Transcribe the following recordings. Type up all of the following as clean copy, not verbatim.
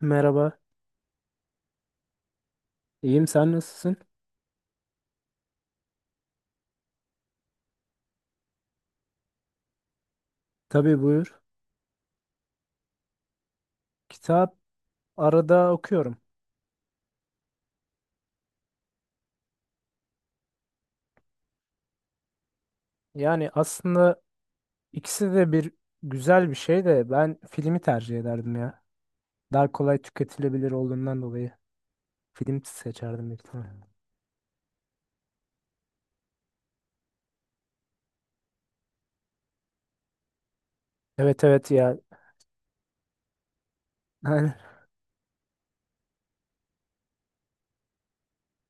Merhaba, iyiyim sen nasılsın? Tabii buyur. Kitap arada okuyorum. Yani aslında ikisi de bir güzel bir şey de ben filmi tercih ederdim ya. Daha kolay tüketilebilir olduğundan dolayı film seçerdim büyük ihtimal. Evet evet ya.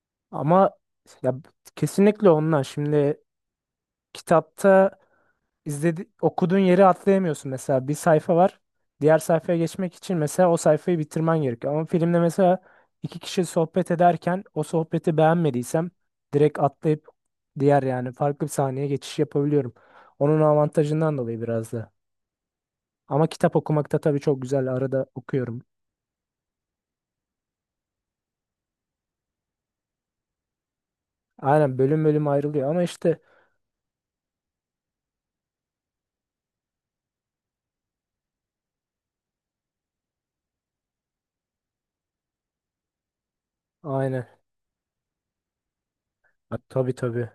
ama ya kesinlikle onlar. Şimdi kitapta İzledi, okuduğun yeri atlayamıyorsun mesela bir sayfa var. Diğer sayfaya geçmek için mesela o sayfayı bitirmen gerekiyor. Ama filmde mesela iki kişi sohbet ederken o sohbeti beğenmediysem direkt atlayıp diğer yani farklı bir sahneye geçiş yapabiliyorum. Onun avantajından dolayı biraz da. Ama kitap okumakta tabii çok güzel arada okuyorum. Aynen bölüm bölüm ayrılıyor ama işte aynen. Ha, tabii tabii.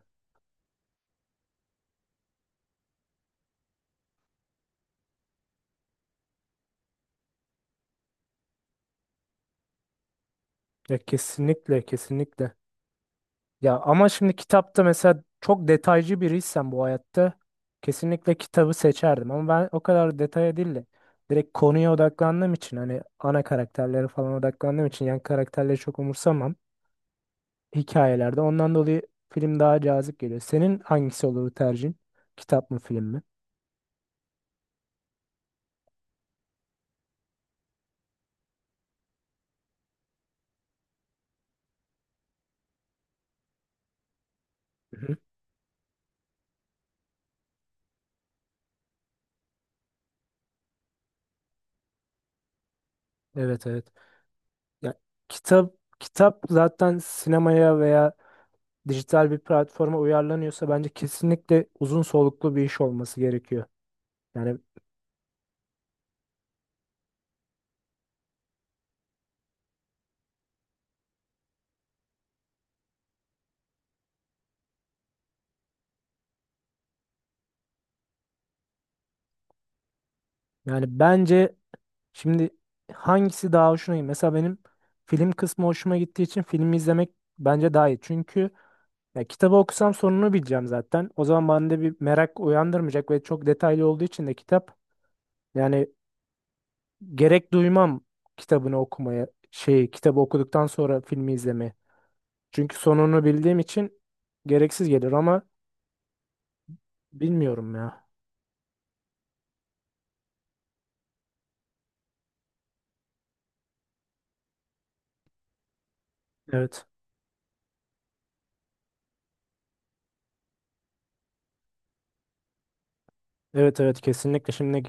Ya kesinlikle kesinlikle. Ya ama şimdi kitapta mesela çok detaycı biriysen bu hayatta kesinlikle kitabı seçerdim. Ama ben o kadar detaya değil de direkt konuya odaklandığım için hani ana karakterlere falan odaklandığım için yan karakterleri çok umursamam hikayelerde. Ondan dolayı film daha cazip geliyor. Senin hangisi olur tercihin? Kitap mı film mi? Hı-hı. Evet evet. Ya kitap kitap zaten sinemaya veya dijital bir platforma uyarlanıyorsa bence kesinlikle uzun soluklu bir iş olması gerekiyor. Yani bence şimdi hangisi daha hoşuna gidiyor? Mesela benim film kısmı hoşuma gittiği için filmi izlemek bence daha iyi. Çünkü ya kitabı okusam sonunu bileceğim zaten. O zaman bende bir merak uyandırmayacak ve çok detaylı olduğu için de kitap yani gerek duymam kitabını okumaya şey kitabı okuduktan sonra filmi izlemeye. Çünkü sonunu bildiğim için gereksiz gelir ama bilmiyorum ya. Evet. Evet evet kesinlikle şimdi.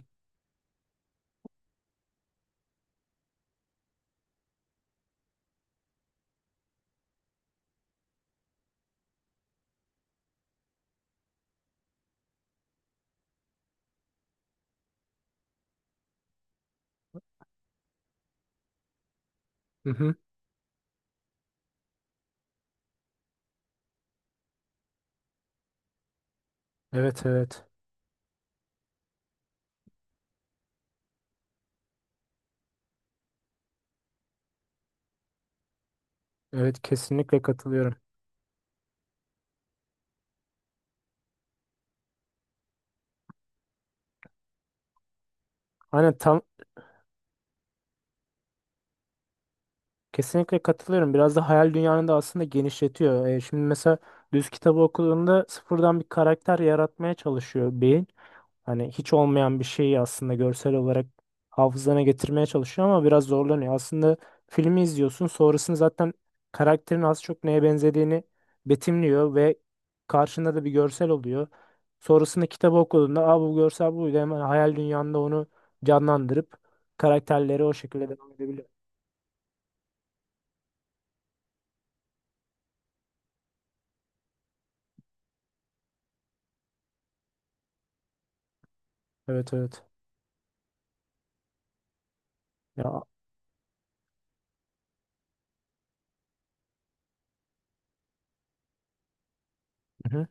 Hı hı. Evet evet. Evet kesinlikle katılıyorum. Hani tam kesinlikle katılıyorum. Biraz da hayal dünyanı da aslında genişletiyor. Şimdi mesela düz kitabı okuduğunda sıfırdan bir karakter yaratmaya çalışıyor beyin. Hani hiç olmayan bir şeyi aslında görsel olarak hafızana getirmeye çalışıyor ama biraz zorlanıyor. Aslında filmi izliyorsun, sonrasında zaten karakterin az çok neye benzediğini betimliyor ve karşında da bir görsel oluyor. Sonrasında kitabı okuduğunda aa, bu görsel buydu hemen hayal dünyanda onu canlandırıp karakterleri o şekilde devam edebiliyor. Evet evet. Ya hı hı.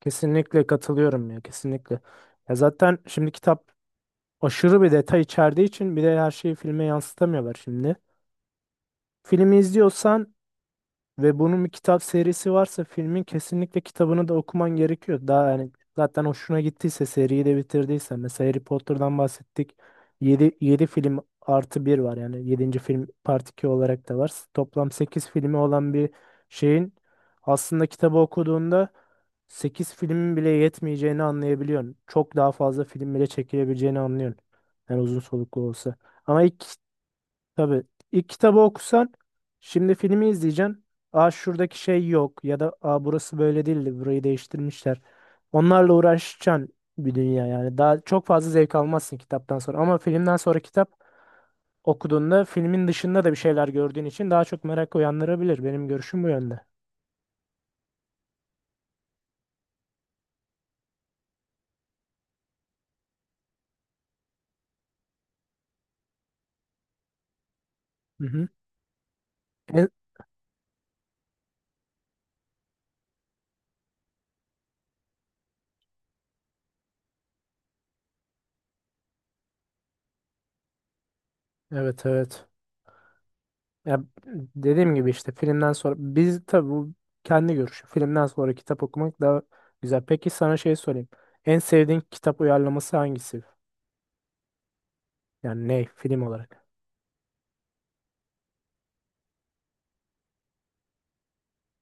Kesinlikle katılıyorum ya kesinlikle. Ya zaten şimdi kitap aşırı bir detay içerdiği için bir de her şeyi filme yansıtamıyorlar şimdi. Filmi izliyorsan ve bunun bir kitap serisi varsa filmin kesinlikle kitabını da okuman gerekiyor. Daha yani zaten hoşuna gittiyse seriyi de bitirdiyse mesela Harry Potter'dan bahsettik. Yedi film artı bir var yani yedinci film part 2 olarak da var. Toplam sekiz filmi olan bir şeyin aslında kitabı okuduğunda 8 filmin bile yetmeyeceğini anlayabiliyorsun. Çok daha fazla film bile çekilebileceğini anlıyorsun. Yani uzun soluklu olsa. Ama ilk tabii ilk kitabı okusan şimdi filmi izleyeceksin. Aa şuradaki şey yok ya da aa burası böyle değildi burayı değiştirmişler. Onlarla uğraşacaksın bir dünya yani. Daha çok fazla zevk almazsın kitaptan sonra ama filmden sonra kitap okuduğunda filmin dışında da bir şeyler gördüğün için daha çok merak uyandırabilir. Benim görüşüm bu yönde. Hı hı. En- evet evet. Ya dediğim gibi işte filmden sonra biz tabii bu kendi görüşü. Filmden sonra kitap okumak daha güzel. Peki sana şey sorayım. En sevdiğin kitap uyarlaması hangisi? Yani ne film olarak?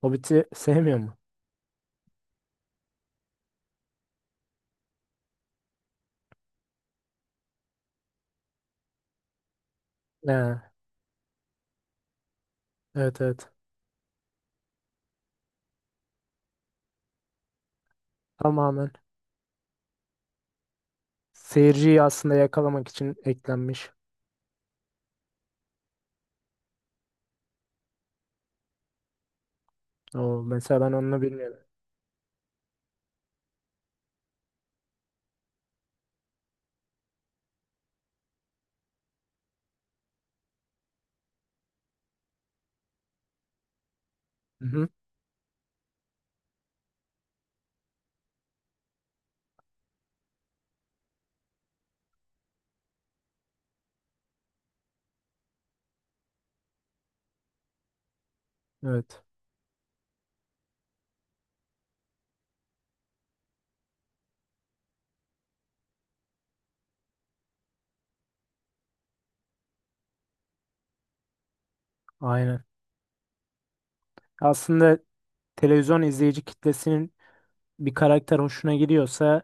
Hobbit'i sevmiyor mu? Ha, evet evet. Tamamen seyirciyi aslında yakalamak için eklenmiş. O mesela ben onu bilmiyordum. Hı hı, evet. Aynen. Aslında televizyon izleyici kitlesinin bir karakter hoşuna gidiyorsa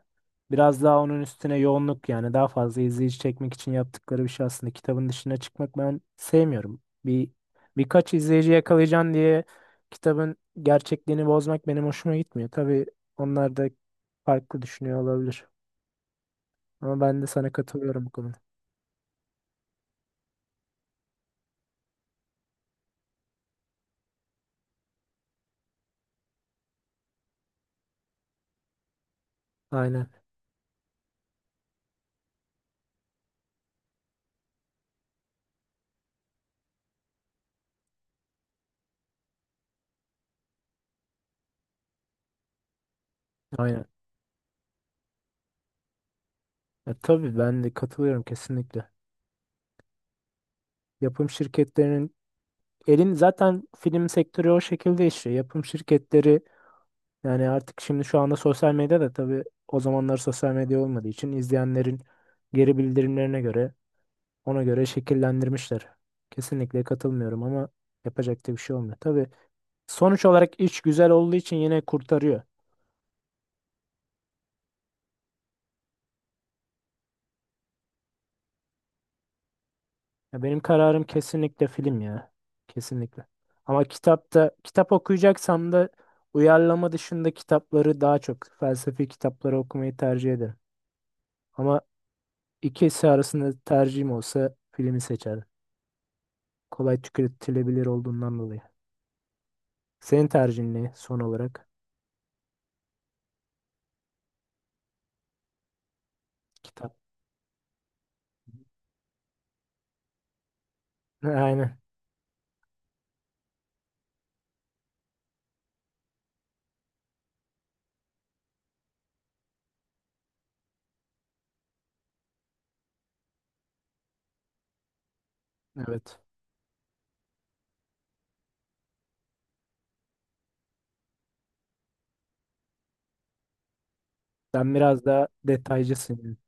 biraz daha onun üstüne yoğunluk yani daha fazla izleyici çekmek için yaptıkları bir şey aslında. Kitabın dışına çıkmak ben sevmiyorum. Birkaç izleyici yakalayacaksın diye kitabın gerçekliğini bozmak benim hoşuma gitmiyor. Tabii onlar da farklı düşünüyor olabilir. Ama ben de sana katılıyorum bu konuda. Aynen, aynen. Ya, tabii ben de katılıyorum kesinlikle. Yapım şirketlerinin elin zaten film sektörü o şekilde işliyor. Yapım şirketleri yani artık şimdi şu anda sosyal medyada tabii o zamanlar sosyal medya olmadığı için izleyenlerin geri bildirimlerine göre ona göre şekillendirmişler. Kesinlikle katılmıyorum ama yapacak da bir şey olmuyor. Tabii sonuç olarak iş güzel olduğu için yine kurtarıyor. Ya benim kararım kesinlikle film ya. Kesinlikle. Ama kitapta kitap okuyacaksam da uyarlama dışında kitapları daha çok felsefi kitapları okumayı tercih ederim. Ama ikisi arasında tercihim olsa filmi seçerdim. Kolay tüketilebilir olduğundan dolayı. Senin tercihin ne son olarak? Kitap. Aynen. Evet. Sen biraz daha detaycısın.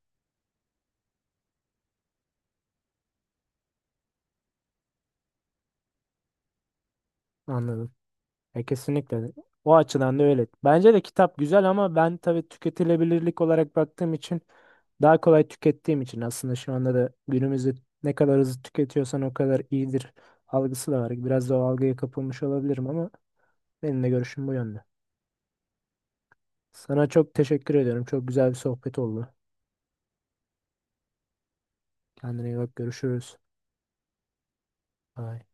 Anladım. Kesinlikle. O açıdan da öyle. Bence de kitap güzel ama ben tabii tüketilebilirlik olarak baktığım için daha kolay tükettiğim için aslında şu anda da günümüzde ne kadar hızlı tüketiyorsan o kadar iyidir algısı da var. Biraz da o algıya kapılmış olabilirim ama benim de görüşüm bu yönde. Sana çok teşekkür ediyorum. Çok güzel bir sohbet oldu. Kendine iyi bak. Görüşürüz. Bye.